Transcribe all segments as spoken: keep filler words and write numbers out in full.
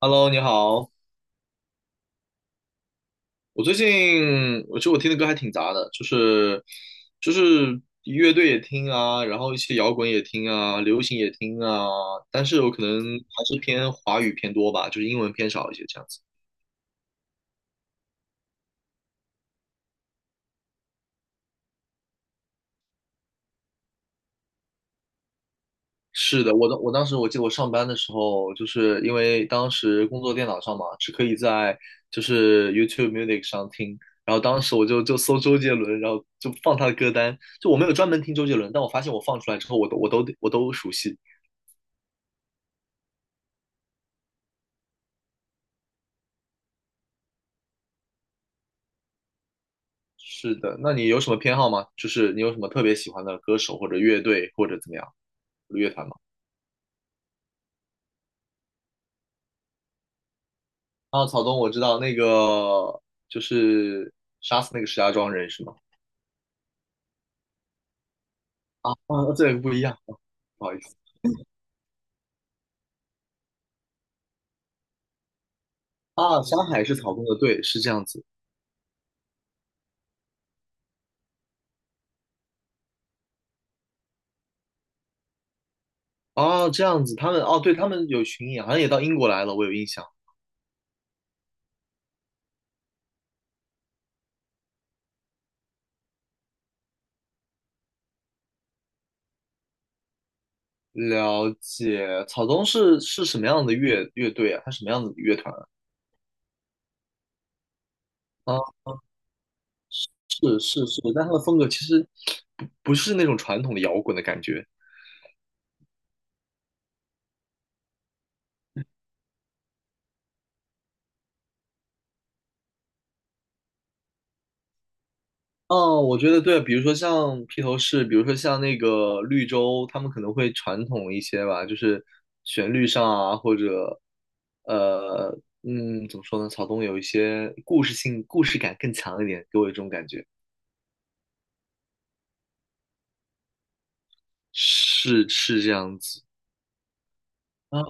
Hello，你好。我最近，我觉得我听的歌还挺杂的，就是就是乐队也听啊，然后一些摇滚也听啊，流行也听啊，但是我可能还是偏华语偏多吧，就是英文偏少一些这样子。是的，我当我当时我记得我上班的时候，就是因为当时工作电脑上嘛，是可以在就是 YouTube Music 上听，然后当时我就就搜周杰伦，然后就放他的歌单，就我没有专门听周杰伦，但我发现我放出来之后，我都我都我都熟悉。是的，那你有什么偏好吗？就是你有什么特别喜欢的歌手或者乐队或者怎么样，乐团吗？啊，草东，我知道那个就是杀死那个石家庄人是吗？啊啊，这个不一样，哦，不好意思。啊，山海是草东的，队是这样子。哦，这样子，他们哦，对，他们有巡演，好像也到英国来了，我有印象。了解，草东是是什么样的乐乐队啊？他什么样子的乐团啊，啊，是是是，但他的风格其实不不是那种传统的摇滚的感觉。哦，我觉得对，比如说像披头士，比如说像那个绿洲，他们可能会传统一些吧，就是旋律上啊，或者呃，嗯，怎么说呢？草东有一些故事性、故事感更强一点，给我一种感觉，是是这样子。啊，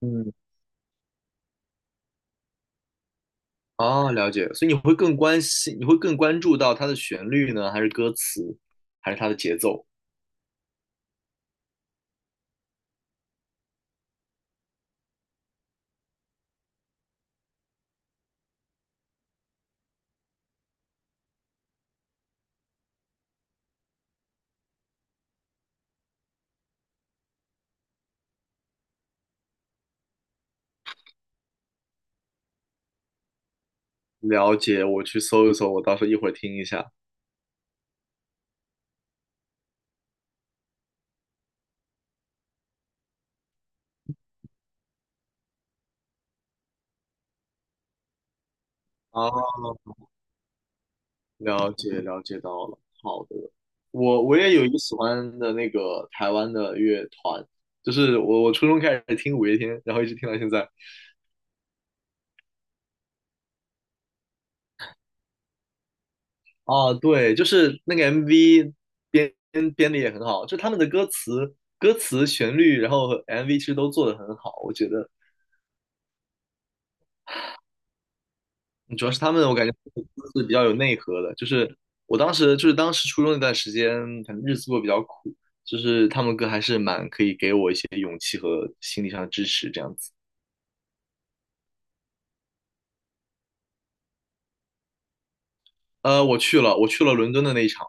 嗯，哦，了解，所以你会更关心，你会更关注到它的旋律呢，还是歌词，还是它的节奏？了解，我去搜一搜，我到时候一会儿听一下。啊。了解，了解到了，好的。我我也有一个喜欢的那个台湾的乐团，就是我我初中开始听五月天，然后一直听到现在。啊，对，就是那个 M V 编编的也很好，就他们的歌词、歌词、旋律，然后 M V 其实都做的很好，我觉得主要是他们，我感觉是比较有内核的。就是我当时就是当时初中那段时间，可能日子过得比较苦，就是他们歌还是蛮可以给我一些勇气和心理上的支持这样子。呃，我去了，我去了伦敦的那一场。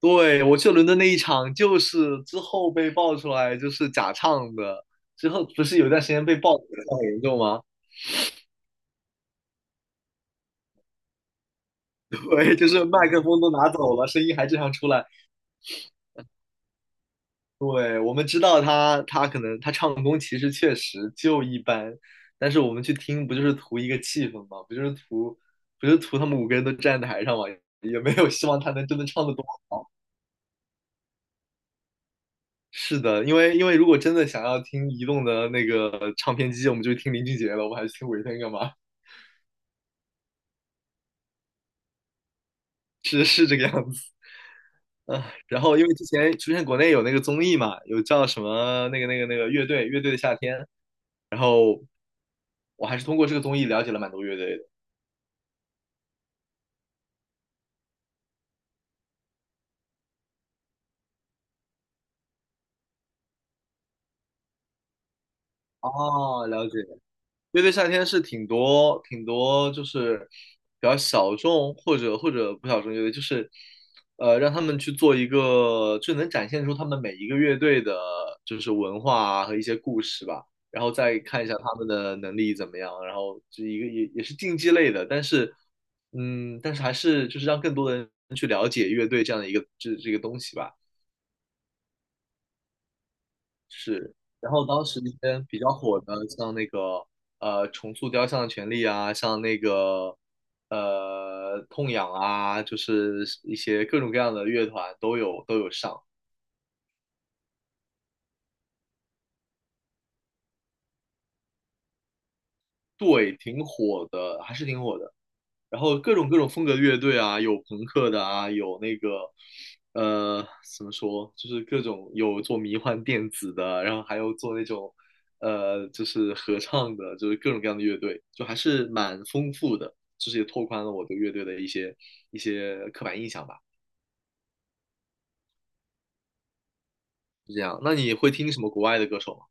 对，我去了伦敦那一场，就是之后被爆出来就是假唱的。之后不是有一段时间被爆的很严重吗？对，就是麦克风都拿走了，声音还正常出来。对，我们知道他，他可能他唱功其实确实就一般，但是我们去听不就是图一个气氛吗？不就是图，不就是图他们五个人都站台上吗？也没有希望他能真的唱得多好。是的，因为因为如果真的想要听移动的那个唱片机，我们就听林俊杰了，我还去听五月天干嘛？是是这个样子。啊，然后因为之前出现国内有那个综艺嘛，有叫什么那个那个那个乐队乐队的夏天，然后我还是通过这个综艺了解了蛮多乐队的。哦，了解。乐队夏天是挺多挺多，就是比较小众或者或者不小众乐队，就是呃让他们去做一个，就能展现出他们每一个乐队的，就是文化啊和一些故事吧，然后再看一下他们的能力怎么样，然后就一个也也是竞技类的，但是嗯，但是还是就是让更多的人去了解乐队这样的一个这这个东西吧。是，然后当时一些比较火的，像那个呃重塑雕像的权利啊，像那个呃痛痒啊，就是一些各种各样的乐团都有都有上，对，挺火的，还是挺火的。然后各种各种风格的乐队啊，有朋克的啊，有那个呃怎么说，就是各种有做迷幻电子的，然后还有做那种呃就是合唱的，就是各种各样的乐队，就还是蛮丰富的，就是也拓宽了我对乐队的一些一些刻板印象吧，是这样。那你会听什么国外的歌手吗？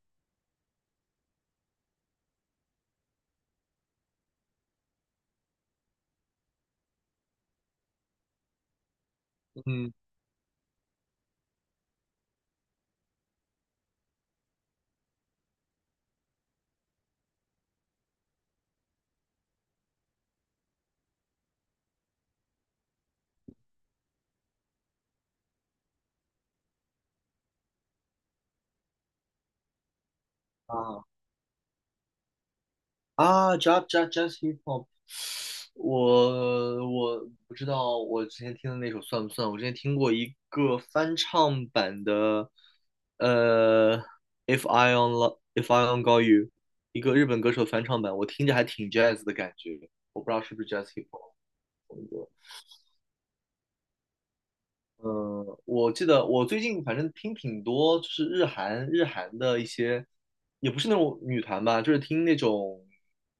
嗯，啊。啊，jazz jazz jazz hip hop,我我不知道我之前听的那首算不算？我之前听过一个翻唱版的，呃，If I on Lo- If I on Got You,一个日本歌手翻唱版，我听着还挺 jazz 的感觉，我不知道是不是 jazz hip hop。嗯，我记得我最近反正听挺多，就是日韩日韩的一些，也不是那种女团吧，就是听那种，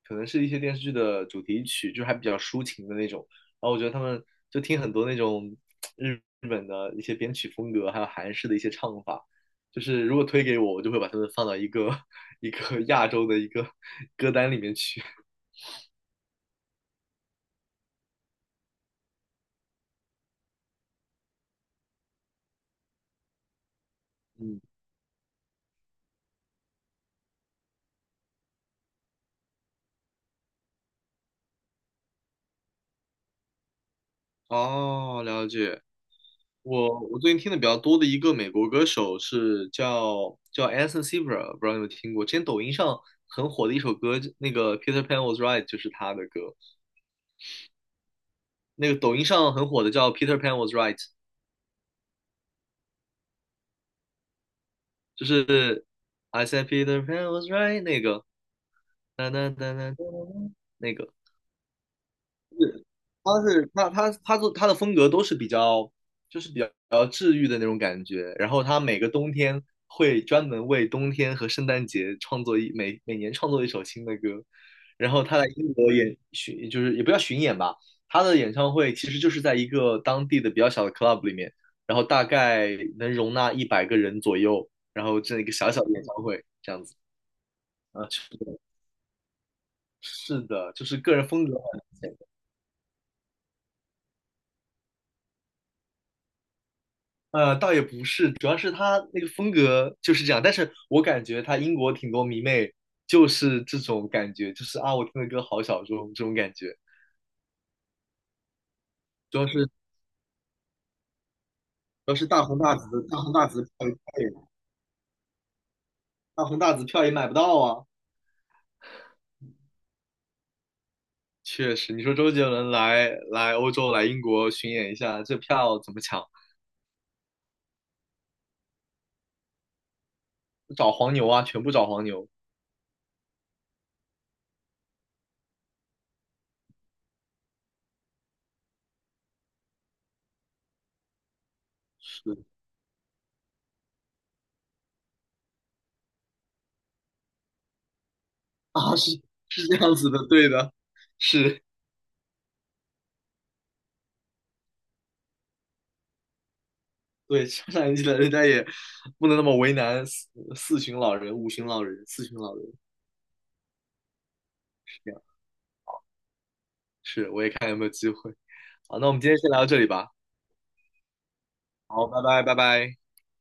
可能是一些电视剧的主题曲，就是还比较抒情的那种。然后我觉得他们就听很多那种日日本的一些编曲风格，还有韩式的一些唱法。就是如果推给我，我就会把他们放到一个 一个亚洲的一个歌单里面去。嗯，哦，了解。我我最近听的比较多的一个美国歌手是叫叫 Anderson Silva,不知道你有没有听过？之前抖音上很火的一首歌，那个 Peter Pan Was Right 就是他的歌。那个抖音上很火的叫 Peter Pan Was Right,就是 I said Peter Pan was right 那个，哒哒哒哒哒哒，那个。他是他他他做他的风格都是比较就是比较比较治愈的那种感觉，然后他每个冬天会专门为冬天和圣诞节创作一每每年创作一首新的歌，然后他在英国演巡就是也不叫巡演吧，他的演唱会其实就是在一个当地的比较小的 club 里面，然后大概能容纳一百个人左右，然后这样一个小小的演唱会这样子。啊，是的，是的，就是个人风格很。呃，倒也不是，主要是他那个风格就是这样。但是我感觉他英国挺多迷妹，就是这种感觉，就是啊，我听的歌好小众这种感觉。主要是主要是大红大紫，大红大紫票也大红大紫票也买不到啊。确实，你说周杰伦来来欧洲来英国巡演一下，这票怎么抢？找黄牛啊，全部找黄牛。是啊，是是这样子的，对的，是。对，上上年纪的人家也不能那么为难四，四旬老人、五旬老人、四旬老人，是这样。是，我也看有没有机会。好，那我们今天先聊到这里吧。好，拜拜，拜拜。